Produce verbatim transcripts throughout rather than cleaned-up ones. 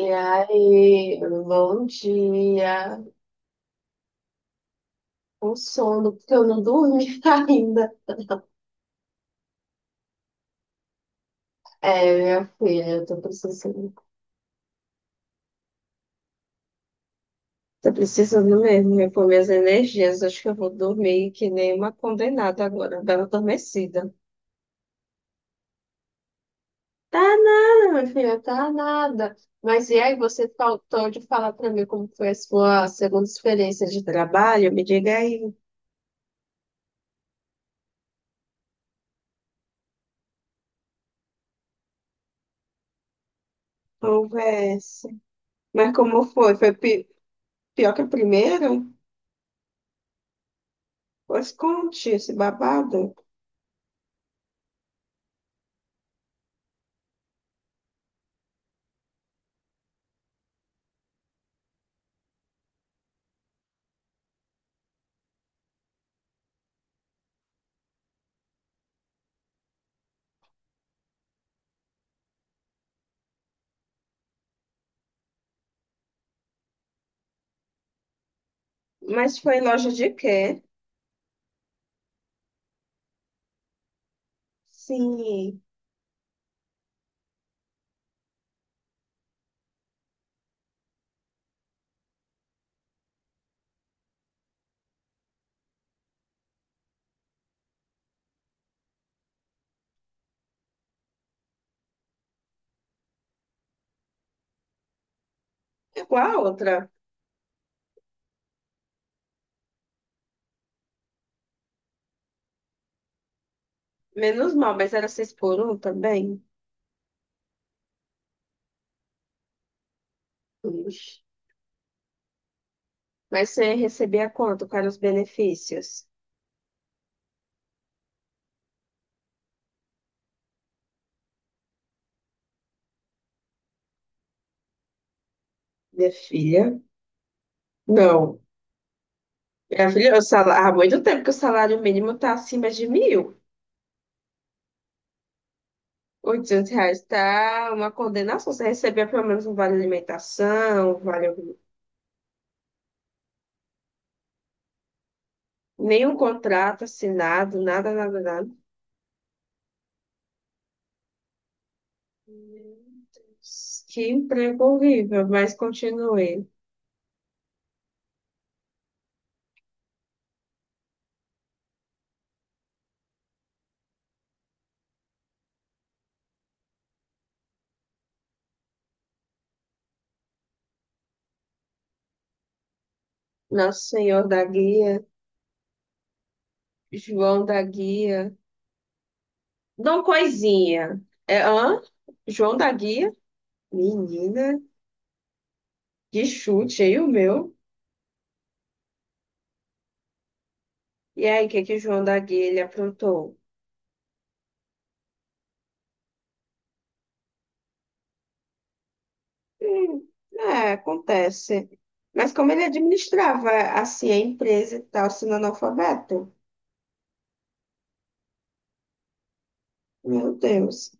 E aí, bom dia. Com sono, porque eu não dormi ainda. É, minha filha, eu tô precisando. Tô precisando mesmo repor minhas energias. Acho que eu vou dormir que nem uma condenada agora, bela adormecida. Tá nada, minha filha, tá nada. Mas e aí, você faltou de falar pra mim como foi a sua segunda experiência de trabalho? Me diga aí, conversa. Mas como foi? Foi pi- pior que a primeira? Pois conte esse babado. Mas foi em loja de quê? Sim, igual a outra. Menos mal, mas era seis por um também. Ixi. Mas você recebia quanto? Quais eram os benefícios? Minha filha? Não. Minha filha, o salário... há muito tempo que o salário mínimo está acima de mil. Oitocentos reais está uma condenação. Você recebia pelo menos um vale alimentação, um vale. Nenhum contrato assinado, nada, nada, nada. Meu Deus, que emprego horrível, mas continue. Nosso Senhor da Guia, João da Guia, Dom Coisinha. É, hã? João da Guia? Menina, que chute aí o meu. E aí, o que que o João da Guia ele aprontou? Hum, é, acontece. Mas como ele administrava assim a empresa e tal, sendo analfabeto? Meu Deus.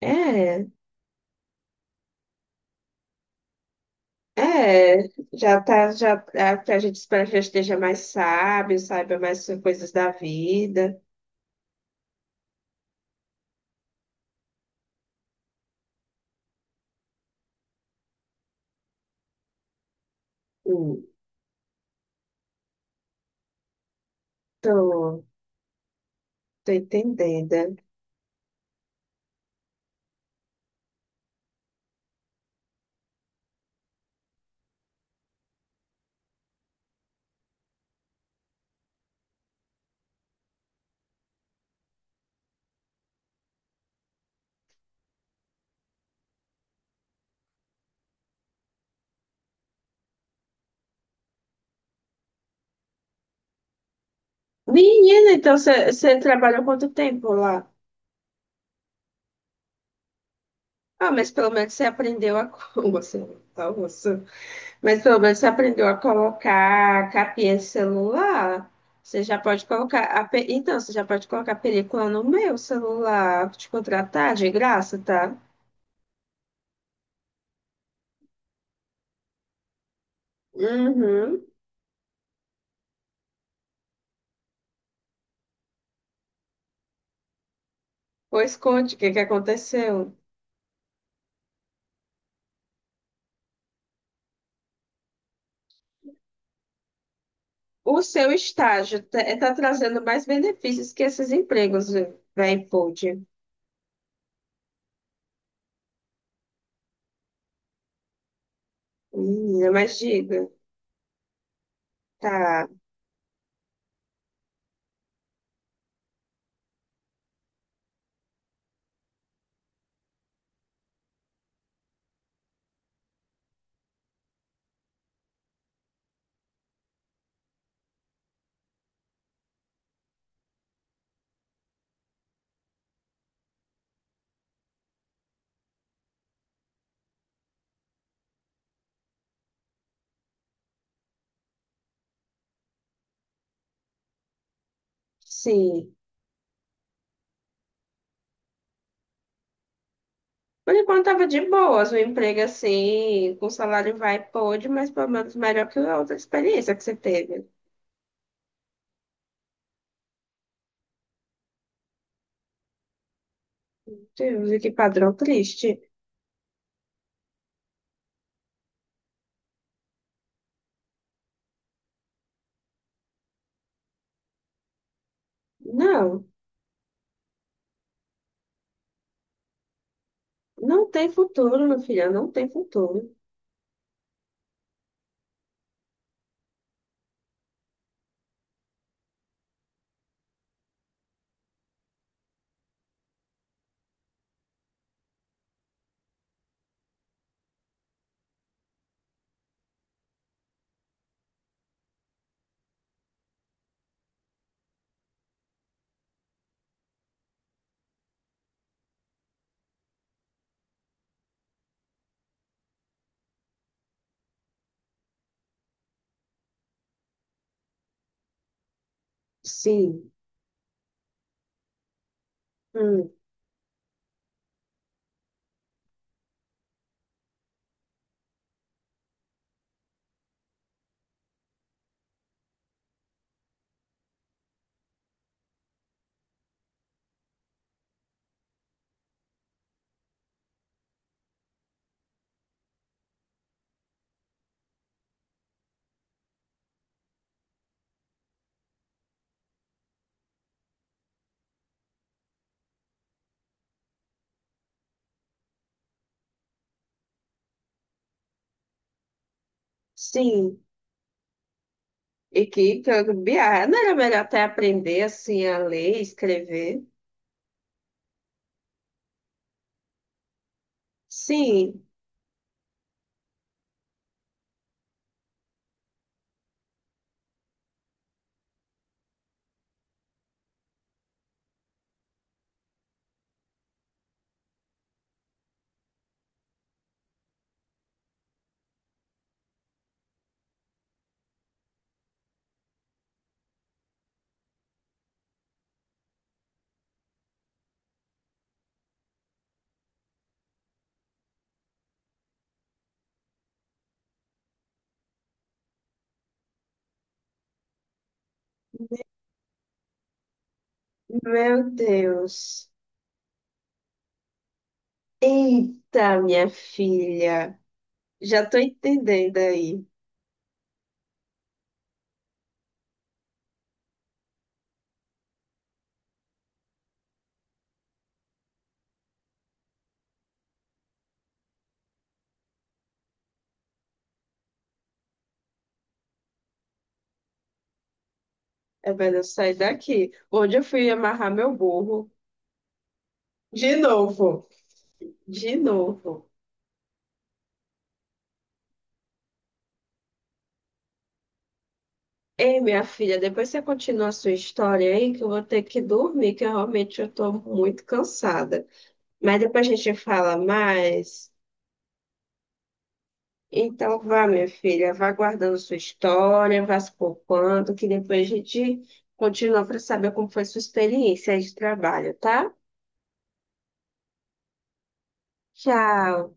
É, é, já tá, já, é, que a gente espera que já esteja mais sábio, saiba mais coisas da vida. Então, tô entendendo. Menina, então você trabalhou quanto tempo lá? Ah, mas pelo menos você aprendeu a. co- Você, tá, você. Mas pelo menos você aprendeu a colocar capinha de celular. Você já pode colocar, a pe- então, você já pode colocar película no meu celular. Te contratar de graça, tá? Uhum. Pois conte o que que aconteceu. O seu estágio está trazendo mais benefícios que esses empregos, velho, pode. Menina, mas diga. Tá. Sim. Por enquanto tava de boas, um emprego assim, com salário vai e pode, mas pelo menos melhor que a outra experiência que você teve. Deus, e que padrão triste. Não, não tem futuro, meu filho, não tem futuro. Sim, hum, sim. E que que eu- não era melhor até aprender assim a ler, e escrever? Sim, meu Deus. Eita, minha filha, já tô entendendo aí. É, velho, eu saí daqui. Onde eu fui amarrar meu burro? De novo. De novo. Ei, minha filha, depois você continua a sua história aí, que eu vou ter que dormir, que eu realmente eu tô muito cansada. Mas depois a gente fala mais. Então vá, minha filha, vá guardando sua história, vá se poupando, que depois a gente continua para saber como foi sua experiência aí de trabalho, tá? Tchau.